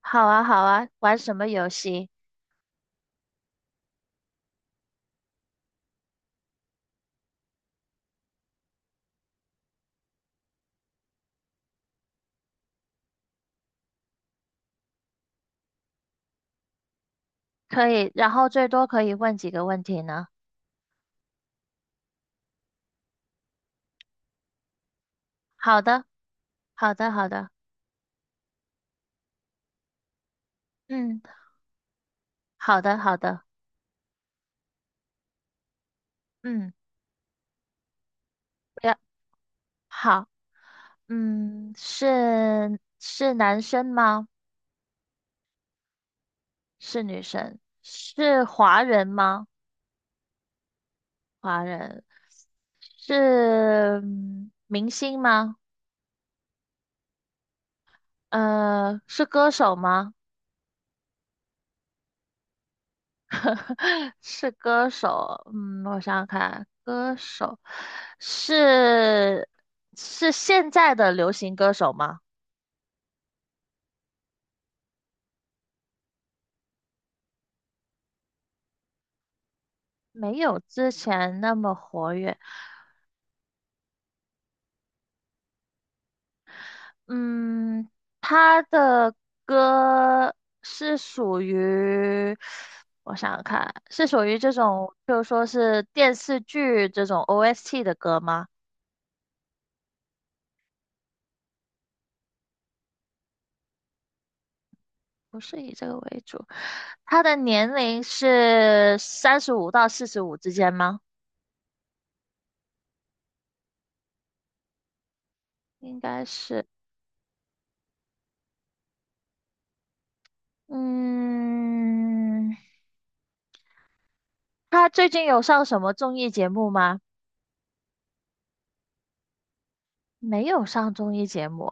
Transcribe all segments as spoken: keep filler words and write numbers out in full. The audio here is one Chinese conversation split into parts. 好啊，好啊，玩什么游戏？可以，然后最多可以问几个问题呢？好的，好的，好的，嗯，好的，好的，嗯，不要，好，嗯，是是男生吗？是女生？是华人吗？华人是嗯明星吗？呃，是歌手吗？是歌手，嗯，我想想看，歌手是是现在的流行歌手吗？没有之前那么活跃，嗯，他的歌是属于，我想想看，是属于这种，就说是电视剧这种 O S T 的歌吗？不是以这个为主，他的年龄是三十五到四十五之间吗？应该是，嗯，他最近有上什么综艺节目吗？没有上综艺节目，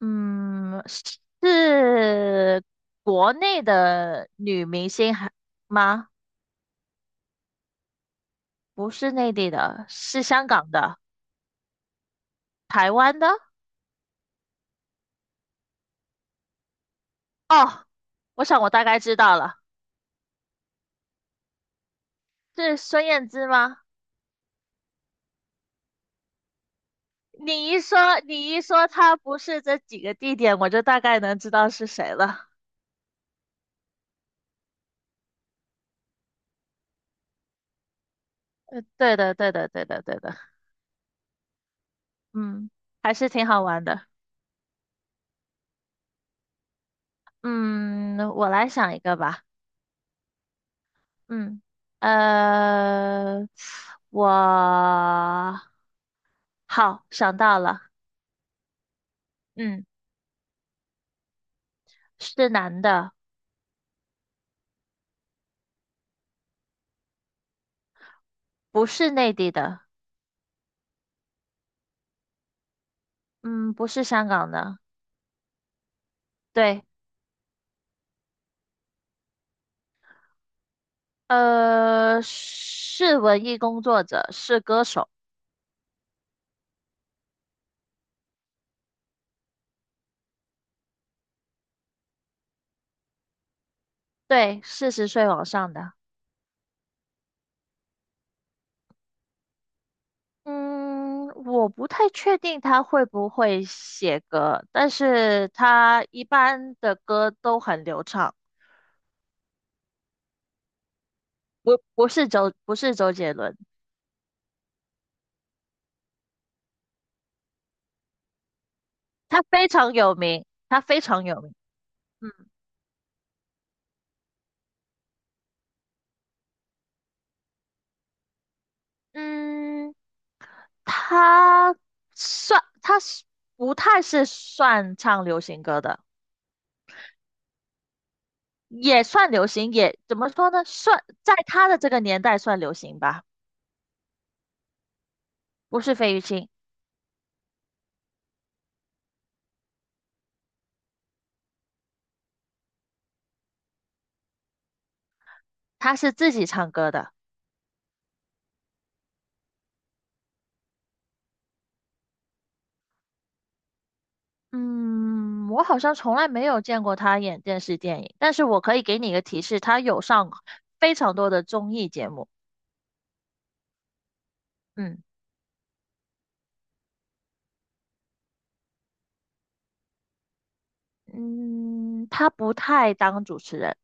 嗯，是国内的女明星还吗？不是内地的，是香港的，台湾的。哦，我想我大概知道了，是孙燕姿吗？你一说，你一说她不是这几个地点，我就大概能知道是谁了。呃，对的，对的，对的，对的。嗯，还是挺好玩的。嗯，我来想一个吧。嗯，呃，我好想到了。嗯，是男的，不是内地的，嗯，不是香港的。对，呃，是文艺工作者，是歌手，对，四十岁往上的。嗯，我不太确定他会不会写歌，但是他一般的歌都很流畅。不不是周不是周杰伦，他非常有名，他非常有名。嗯嗯，他算他是不太是算唱流行歌的，也算流行，也怎么说呢？算在他的这个年代算流行吧，不是费玉清，他是自己唱歌的。嗯，我好像从来没有见过他演电视电影，但是我可以给你一个提示，他有上非常多的综艺节目。嗯。嗯，他不太当主持人。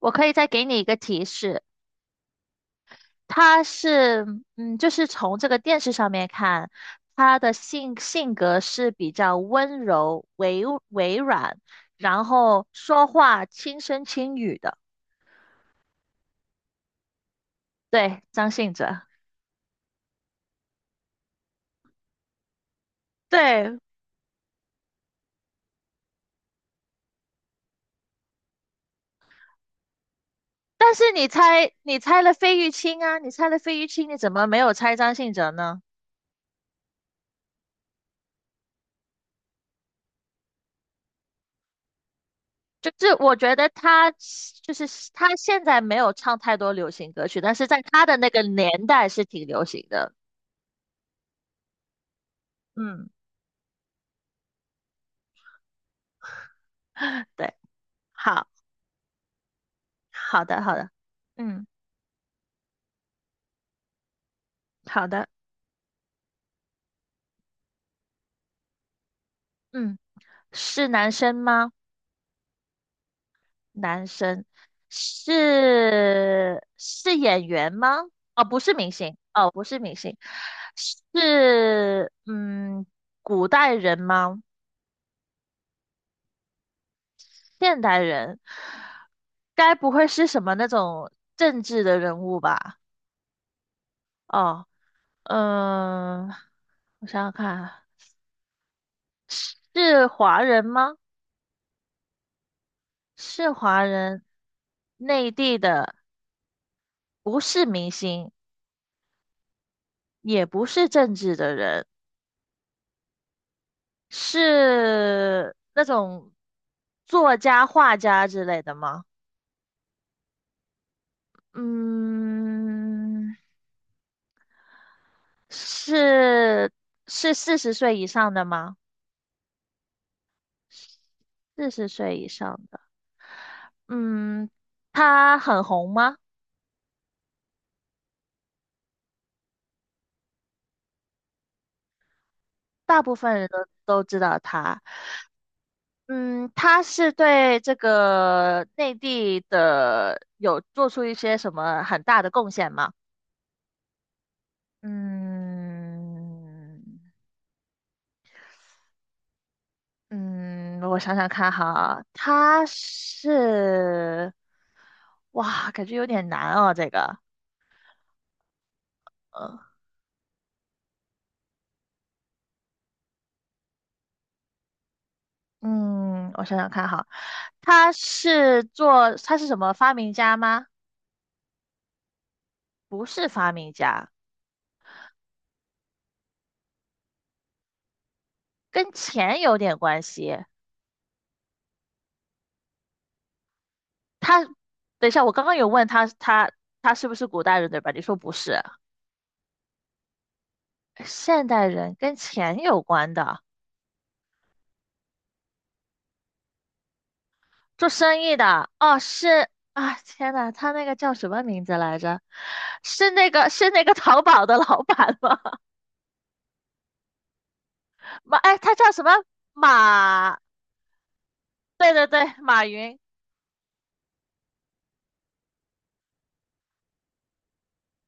我可以再给你一个提示，他是，嗯，就是从这个电视上面看，他的性性格是比较温柔、委委软，然后说话轻声轻语的。对，张信哲。对，但是你猜，你猜了费玉清啊，你猜了费玉清，你怎么没有猜张信哲呢？就是我觉得他就是他现在没有唱太多流行歌曲，但是在他的那个年代是挺流行的。嗯 对，好，好的，好的，嗯，好的，嗯，是男生吗？男生是是演员吗？哦，不是明星，哦，不是明星，是嗯，古代人吗？现代人，该不会是什么那种政治的人物吧？哦，嗯，我想想看，是华人吗？是华人，内地的，不是明星，也不是政治的人，是那种作家、画家之类的吗？嗯，是是四十岁以上的吗？四十岁以上。的。嗯，他很红吗？大部分人都都知道他。嗯，他是对这个内地的有做出一些什么很大的贡献吗？嗯嗯，我想想看哈，他是，哇，感觉有点难哦，这个。呃嗯，我想想看哈，他是做，他是什么发明家吗？不是发明家。跟钱有点关系。他，等一下，我刚刚有问他，他他是不是古代人，对吧？你说不是，现代人跟钱有关的，做生意的。哦，是啊，天呐，他那个叫什么名字来着？是那个是那个淘宝的老板吗？马，哎，他叫什么？马，对对对，马云，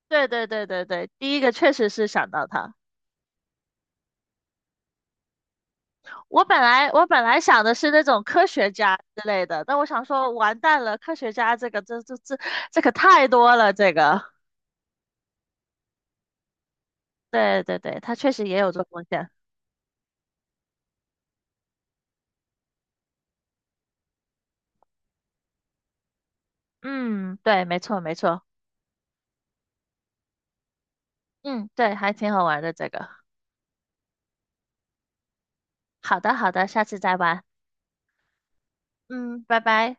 对对对对对，第一个确实是想到他。我本来我本来想的是那种科学家之类的，但我想说完蛋了，科学家这个这这这这可太多了，这个对对对，它确实也有这风险。嗯，对，没错没错，嗯，对，还挺好玩的这个。好的好的，下次再玩。嗯，拜拜。